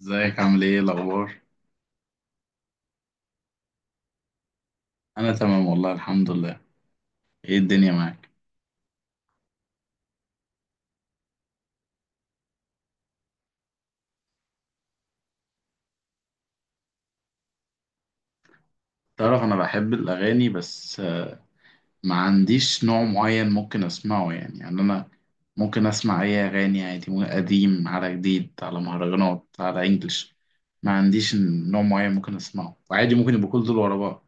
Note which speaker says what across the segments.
Speaker 1: ازيك؟ عامل ايه؟ إيه الاخبار؟ انا تمام والله، الحمد لله. ايه الدنيا معاك؟ تعرف انا بحب الاغاني، بس ما عنديش نوع معين ممكن اسمعه، يعني انا ممكن اسمع اي اغاني عادي، ممكن قديم على جديد على مهرجانات على انجلش. ما عنديش نوع معين ممكن اسمعه، وعادي ممكن يبقوا كل دول ورا بعض.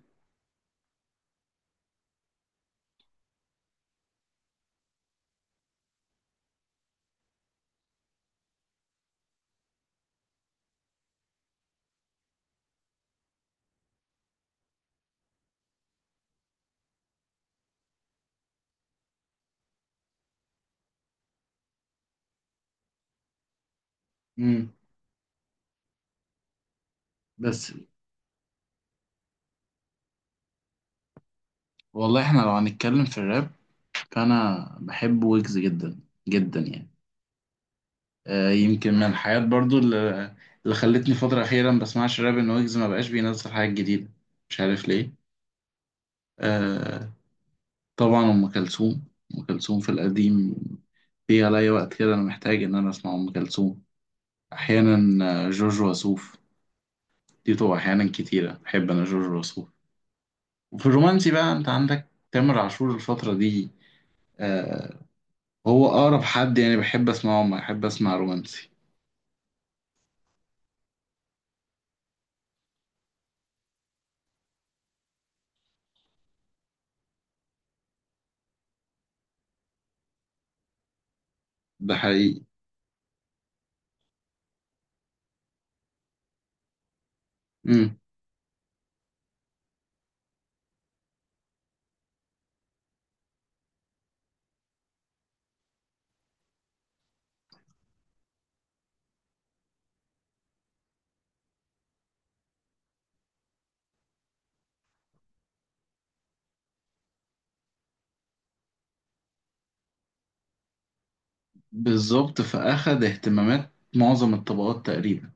Speaker 1: امم بس والله احنا لو هنتكلم في الراب، فانا بحب ويجز جدا جدا يعني. يمكن من الحاجات برضو اللي خلتني فترة أخيرة ما بسمعش راب، إن ويجز ما بقاش بينزل حاجات جديدة، مش عارف ليه. آه طبعا أم كلثوم. أم كلثوم في القديم، في عليا وقت كده أنا محتاج إن أنا أسمع أم كلثوم أحيانا. جورج وسوف دي طبعا أحيانا كتيرة بحب أنا جورج وسوف. وفي الرومانسي بقى أنت عندك تامر عاشور الفترة دي. آه هو أقرب حد يعني بحب أسمعه، ما بحب أسمع رومانسي. ده حقيقي. بالظبط، فأخد اهتمامات معظم الطبقات تقريبا.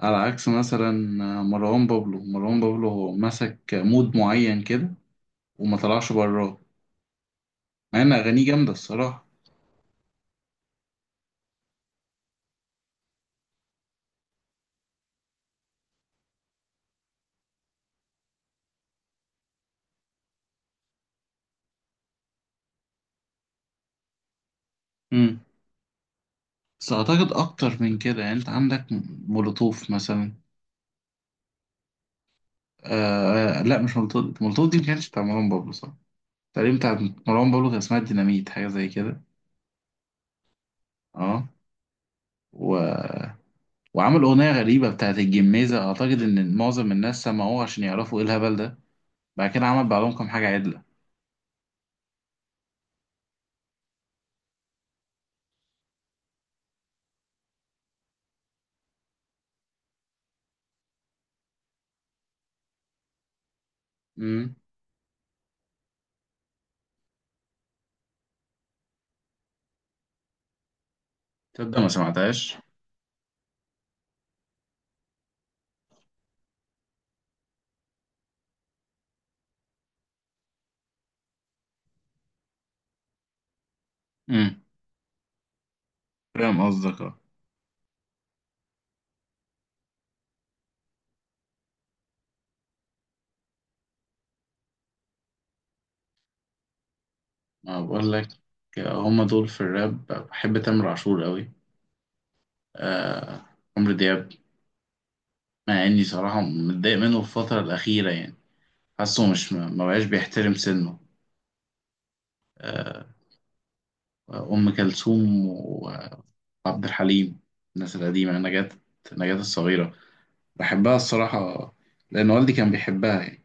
Speaker 1: على عكس مثلا مروان بابلو، مروان بابلو هو مسك مود معين كده وما طلعش براه، مع ان اغانيه جامده الصراحه. امم بس اعتقد اكتر من كده يعني، انت عندك مولوتوف مثلا. لا، مش مولوتوف، مولوتوف دي ما كانتش بتاع مروان بابلو صح، تقريبا بتاع. مروان بابلو كان اسمها ديناميت، حاجه زي كده. اه. و... وعمل اغنيه غريبه بتاعت الجميزه، اعتقد ان معظم الناس سمعوها عشان يعرفوا ايه الهبل ده. بعد كده عمل بعضهم كام حاجة عدلة. امم تبدأ ما مم. سمعتهاش. امم. فاهم قصدك، اه. ما بقول لك، هما دول. في الراب بحب تامر عاشور قوي. آه عمرو دياب، مع اني صراحة متضايق منه في الفترة الأخيرة يعني، حاسه مش، ما بقاش بيحترم سنه. آه أم كلثوم وعبد الحليم، الناس القديمة. نجاة، نجاة الصغيرة، بحبها الصراحة لأن والدي كان بيحبها يعني،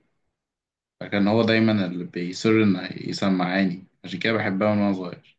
Speaker 1: فكان هو دايما اللي بيصر إنه يسمعاني، عشان كده بحبها من وأنا صغير.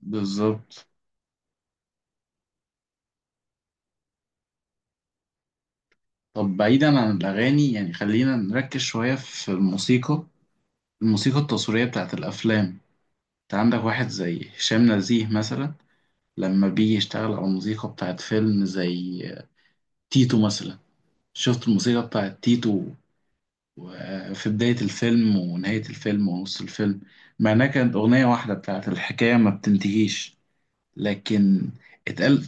Speaker 1: بالظبط. طب بعيدا عن الأغاني، يعني خلينا نركز شوية في الموسيقى، الموسيقى التصويرية بتاعت الأفلام. انت عندك واحد زي هشام نزيه مثلا، لما بيجي يشتغل على الموسيقى بتاعت فيلم زي تيتو مثلا. شفت الموسيقى بتاعت تيتو في بداية الفيلم ونهاية الفيلم ونص الفيلم، مع إنها كانت أغنية واحدة بتاعت الحكاية ما بتنتهيش، لكن اتقال.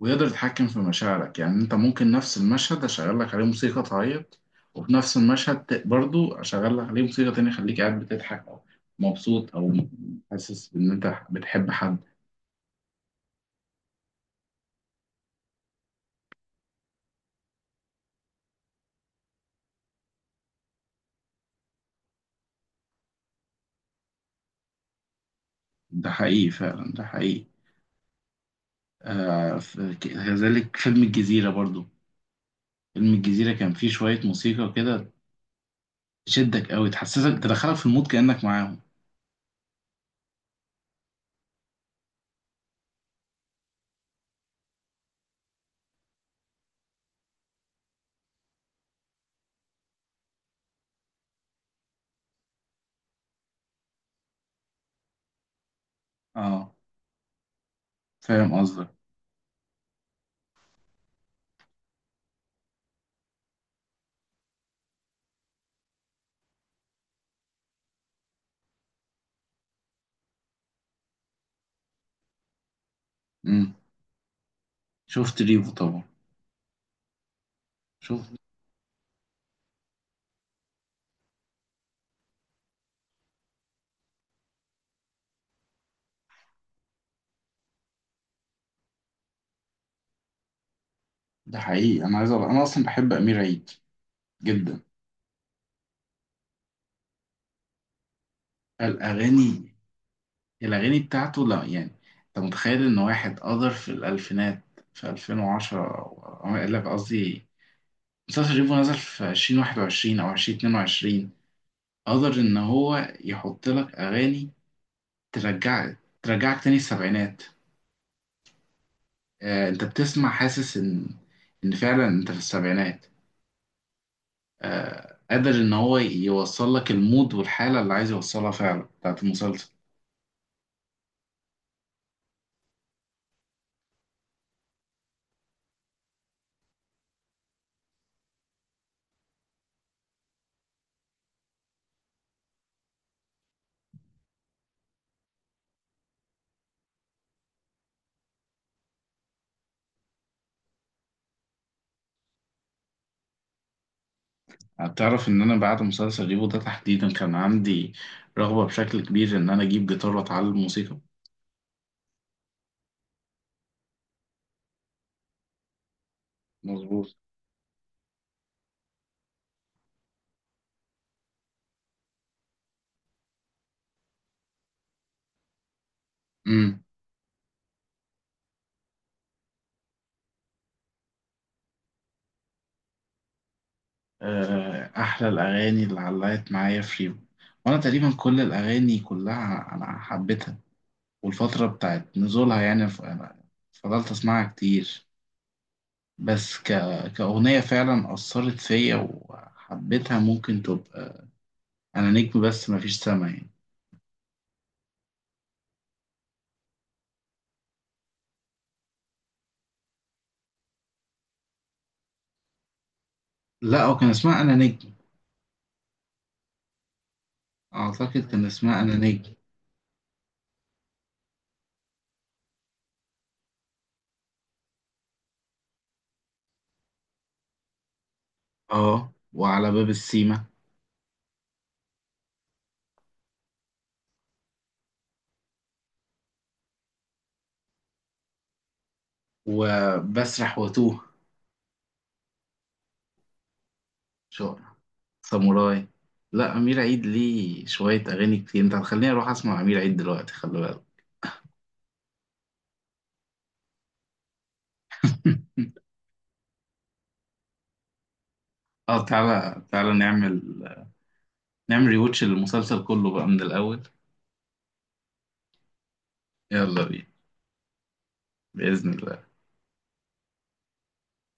Speaker 1: ويقدر يتحكم في مشاعرك، يعني انت ممكن نفس المشهد اشغل لك عليه موسيقى تعيط، وفي نفس المشهد برضو اشغل لك عليه موسيقى تانية خليك قاعد بتضحك، او مبسوط، او حاسس ان انت بتحب حد. ده حقيقي فعلا، ده حقيقي. آه، كذلك فيلم الجزيرة برضو، فيلم الجزيرة كان فيه شوية موسيقى كده تشدك قوي، تحسسك، تدخلك في المود كأنك معاهم. اه، فاهم قصدك. مم. شفت ريفو طبعا. شفت. ده حقيقي انا عايز انا اصلا بحب امير عيد جدا. الأغاني، الأغاني بتاعته لا يعني. أنت متخيل إن واحد قدر في الألفينات، في 2010، أو لا قصدي مسلسل ريفو نزل في 2021 أو 2022، قدر إن هو يحط لك أغاني ترجعك، ترجعك تاني السبعينات. آه، أنت بتسمع حاسس إن، إن فعلا أنت في السبعينات. آه، قادر إن هو يوصل لك المود والحالة اللي عايز يوصلها فعلا بتاعت المسلسل. تعرف ان انا بعد مسلسل ريفو ده تحديدا كان عندي رغبة بشكل كبير ان انا اجيب جيتار واتعلم موسيقى. مظبوط. امم آه، احلى الاغاني اللي علقت معايا في ريفو، وانا تقريبا كل الاغاني كلها انا حبيتها. والفترة بتاعت نزولها يعني، أنا فضلت اسمعها كتير. بس ك... كأغنية فعلا أثرت فيا وحبيتها، ممكن تبقى أنا نجم، بس مفيش سما يعني. لا، هو كان اسمها أنا نجم. أعتقد كان اسمها أنا نجم. اه، وعلى باب السيما، وبسرح واتوه، شقرة، ساموراي. لا، أمير عيد ليه شوية أغاني كتير، أنت هتخليني أروح أسمع أمير عيد دلوقتي، خلي بالك. اه، تعالى تعالى نعمل، نعمل ريوتش للمسلسل كله بقى من الأول. يلا بينا، بإذن الله.